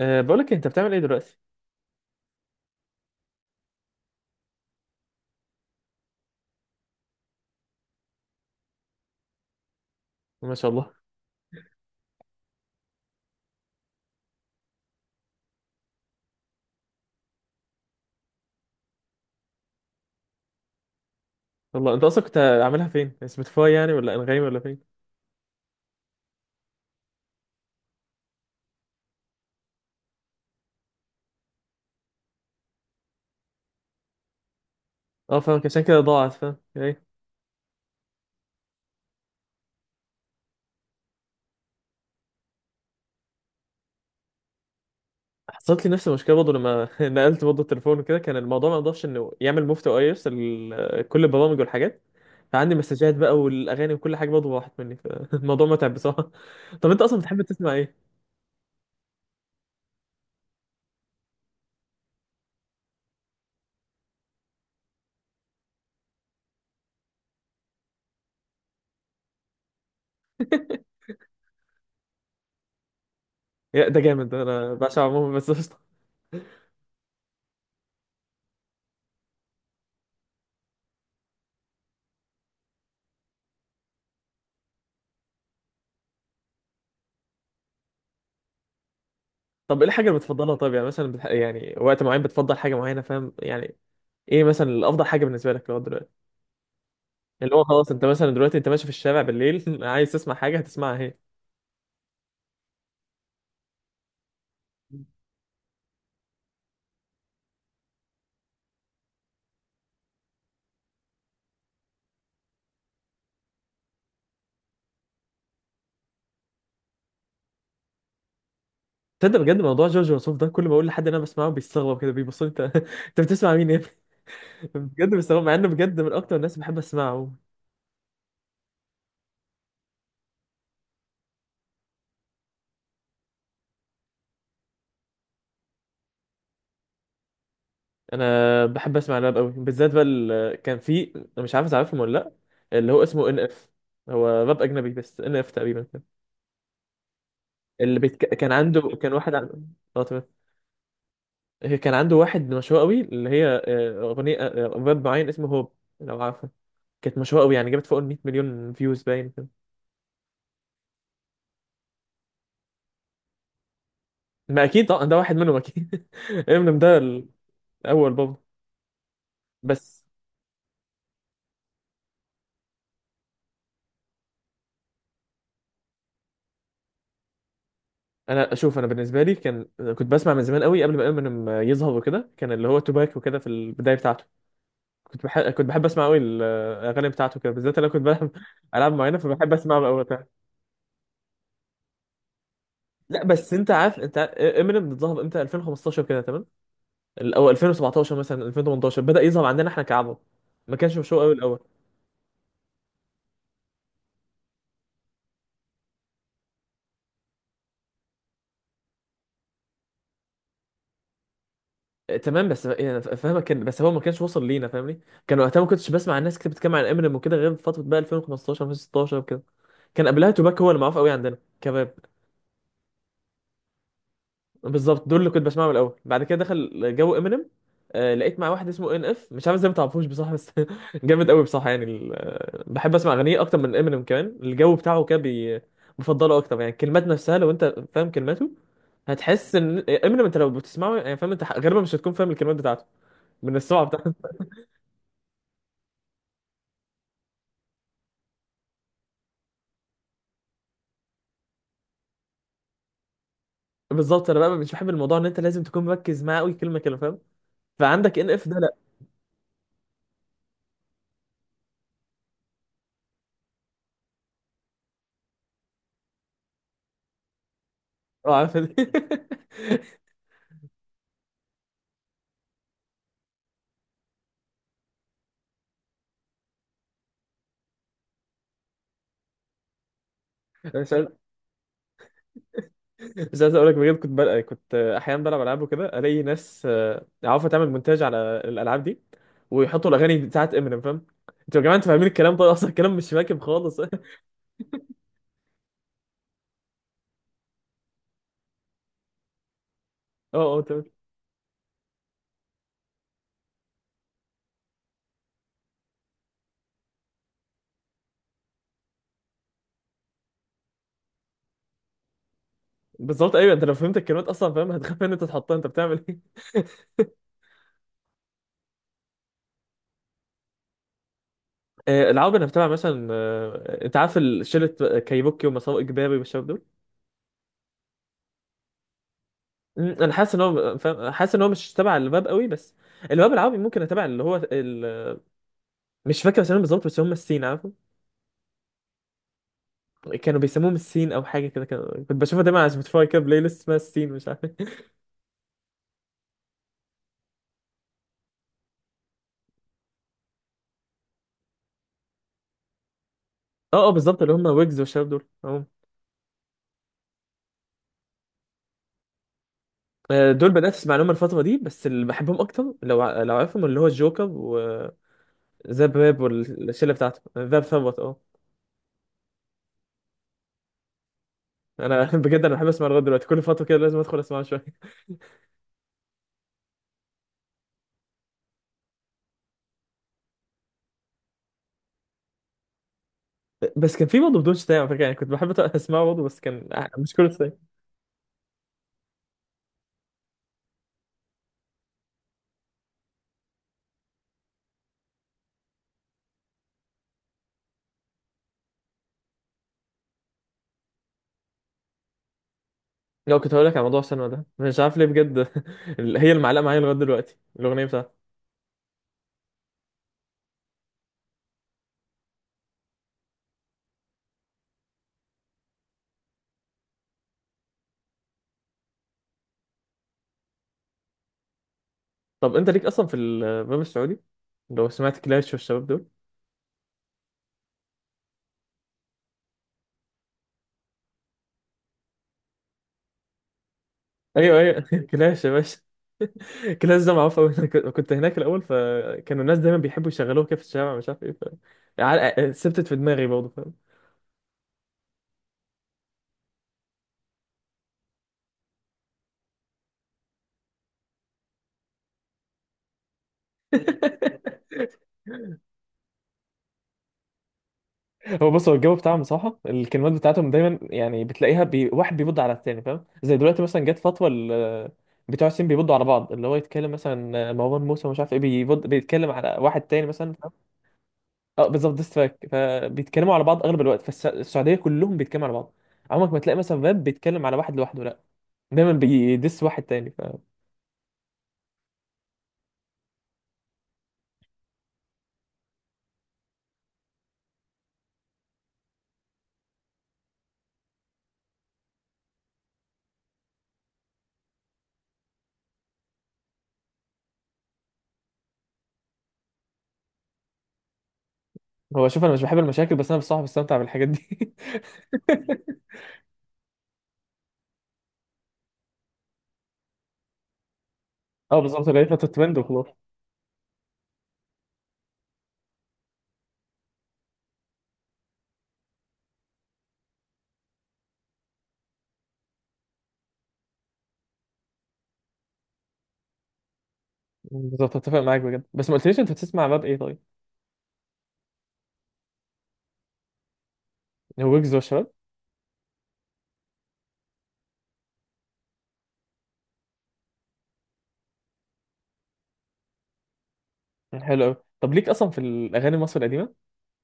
أه بقولك انت بتعمل ايه دلوقتي؟ ما شاء الله. والله انت اصلا كنت عاملها فين، سبوتيفاي ولا انغامي ولا فين؟ اه فاهمك، عشان كده ضاعت، فاهم، ايه. حصلت لي نفس المشكله برضه لما نقلت برضه التليفون وكده، كان الموضوع ما يقدرش انه يعمل مفتو او يرسل كل البرامج والحاجات، فعندي مسجات بقى والاغاني وكل حاجه برضه راحت مني، فالموضوع متعب بصراحه. طب انت اصلا بتحب تسمع ايه؟ يا ده جامد، ده انا بعشق عموما، بس قشطة. طب ايه الحاجه اللي بتفضلها؟ طب مثلا يعني وقت معين بتفضل حاجه معينه، فاهم ايه مثلا الافضل حاجه بالنسبه لك؟ لو اللي هو خلاص انت مثلا دلوقتي انت ماشي في الشارع بالليل عايز تسمع حاجه، هتسمعها اهي. تصدق بجد موضوع جورج وسوف ده، كل ما اقول لحد إن انا بسمعه بيستغرب كده، بيبص لي، انت بتسمع مين يا ابني؟ بجد بيستغرب مع انه بجد من اكتر الناس بحب اسمعه. انا بحب اسمع راب قوي بالذات، بقى كان في، أنا مش عارف تعرفهم ولا لا، اللي هو اسمه ان اف، هو راب اجنبي بس. ان اف تقريبا كده. كان عنده كان واحد اه تمام. هي كان عنده واحد مشهور قوي، اللي هي اغنيه، راب معين اسمه هوب، لو عارفه. كانت مشهورة قوي، يعني جابت فوق ال 100 مليون فيوز باين كده. ما اكيد طبعا ده واحد منهم اكيد، امينيم ده الاول برضه. بس انا اشوف، انا بالنسبه لي كان كنت بسمع من زمان قوي قبل ما امينيم يظهر وكده، كان اللي هو توباك وكده في البدايه بتاعته. كنت بحب اسمع قوي الاغاني بتاعته كده بالذات. انا كنت بلعب العاب معينه فبحب اسمعها قوي بتاع. لا بس انت عارف، انت امينيم ظهر امتى؟ 2015 كده تمام، او 2017، مثلا 2018 بدا يظهر عندنا احنا كعرب، ما كانش مشهور قوي الاول. تمام بس يعني فاهمك، كان بس هو ما كانش وصل لينا، فاهمني. كان وقتها ما كنتش بسمع الناس كتير بتتكلم عن امينيم وكده، غير في فتره بقى 2015، 2016 وكده. كان قبلها توباك هو اللي معروف قوي عندنا كباب. بالظبط دول اللي كنت بسمعهم الاول، بعد كده دخل جو امينيم. آه لقيت مع واحد اسمه ان اف، مش عارف ازاي ما تعرفوش بصراحه، بس جامد قوي بصراحه يعني، بحب اسمع اغانيه اكتر من امينيم كمان، الجو بتاعه كده بفضله اكتر. يعني الكلمات نفسها لو انت فاهم كلماته، هتحس ان امينيم انت لو بتسمعه، يعني فاهم، انت غالبا مش هتكون فاهم الكلمات بتاعته من السرعه. بالظبط، انا بقى مش بحب الموضوع ان انت لازم تكون مركز معاه قوي كلمه كلمه، فاهم، فعندك ان اف ده لا. اه عارف دي. مش عايز مش عايز اقول لك بجد، كنت بلقى، كنت احيانا بلعب العاب وكده، الاقي ناس عارفه تعمل مونتاج على الالعاب دي، ويحطوا الاغاني بتاعت امينيم، فاهم. انتوا يا جماعه انتوا فاهمين الكلام طيب اصلا؟ الكلام مش راكب خالص. اه. اه تمام. بالظبط، ايوه، انت لو فهمت الكلمات اصلا فاهم، هتخاف ان انت تحطها، انت بتعمل ايه. العاب انا بتابع مثلا، انت عارف شله كايبوكي ومساو اجباري والشباب دول. انا حاسس ان هو فاهم، حاسس ان هو مش تبع الباب قوي، بس الباب العربي ممكن تبع اللي هو مش فاكر اسمهم بالظبط بس هم السين، عارفه. كانوا بيسموهم السين او حاجه كده، كنت بشوفها دايما على سبوتيفاي كده بلاي ليست اسمها السين، مش عارف إيه. اه اه بالظبط، اللي هم ويجز والشباب دول اهو. دول بدات اسمع لهم الفتره دي، بس اللي بحبهم اكتر لو لو عارفهم، اللي هو الجوكر وذاب راب، والشله بتاعته ذاب ثروت اه. انا بجد انا بحب اسمع لغايه دلوقتي، كل فتره كده لازم ادخل اسمعه شويه. بس كان في برضه بدون شتايم على فكره يعني، كنت بحب اسمعه برضه، بس كان مش كل شويه. لو كنت هقول لك على موضوع السينما ده، مش عارف ليه بجد، هي المعلقه معايا لغايه دلوقتي الاغنيه بتاعتها. طب انت ليك اصلا في الباب السعودي؟ لو سمعت كلاش والشباب دول. ايوه ايوه، كلاش يا باشا. كلاش ده معروف قوي، كنت هناك الاول، فكانوا الناس دايما بيحبوا يشغلوه كده في الشارع، مش عارف ايه، سبتت في دماغي برضه، فاهم. هو بص، هو الجو بتاعهم بصراحه، الكلمات بتاعتهم دايما يعني بتلاقيها واحد بيبض على التاني، فاهم، زي دلوقتي مثلا جت فتوى بتوع الصين بيبضوا على بعض، اللي هو يتكلم مثلا مروان موسى ومش عارف ايه بيبض، بيتكلم على واحد تاني مثلا، فاهم؟ اه بالظبط، ديس تراك، فبيتكلموا على بعض اغلب الوقت. فالسعوديه كلهم بيتكلموا على بعض، عمرك ما تلاقي مثلا فاب بيتكلم على واحد لوحده، لا، دايما بيدس واحد تاني. فهو شوف، انا مش بحب المشاكل، بس انا بصراحه بستمتع بالحاجات دي. اه بالظبط، اللي هي فترة ترند وخلاص. بالظبط، اتفق معاك بجد، بس ما قلتليش انت بتسمع راب ايه طيب؟ ويجز والشباب. حلو قوي. طب ليك اصلا في الاغاني المصري القديمه،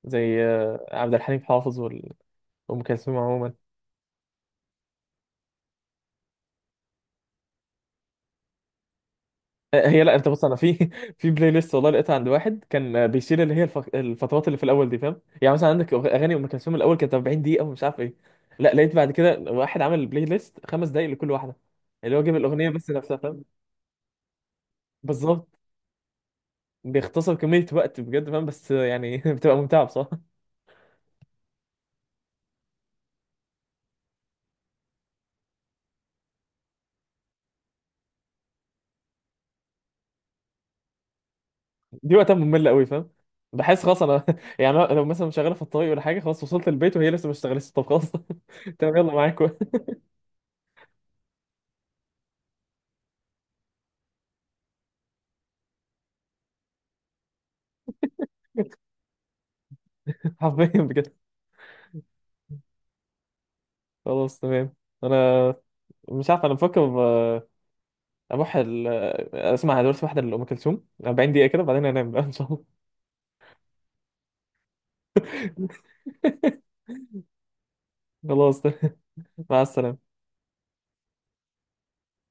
زي عبد الحليم حافظ وام كلثوم عموما؟ هي لا انت بص، انا في في بلاي ليست والله لقيتها عند واحد كان بيشيل اللي هي الفترات اللي في الاول دي، فاهم، يعني مثلا عندك اغاني ام كلثوم الاول كانت 40 دقيقه ومش عارف ايه. لا لقيت بعد كده واحد عمل بلاي ليست 5 دقائق لكل واحده، اللي هو جاب الاغنيه بس نفسها، فاهم. بالظبط، بيختصر كميه وقت بجد، فاهم، بس بتبقى ممتعه بصراحه. دي وقتها مملة قوي، فاهم، بحس خلاص انا، يعني أنا لو مثلا شغاله في الطريق ولا حاجه، خلاص وصلت البيت وهي لسه ما اشتغلتش، طب خلاص. تمام يلا معاكم. حرفيا بجد. خلاص تمام. انا مش عارف، انا بفكر آه، اروح ال- آه، اسمع دلوقتي واحده لام كلثوم 40 دقيقه كده بعدين انام بقى ان شاء الله. خلاص تمام. مع السلامه.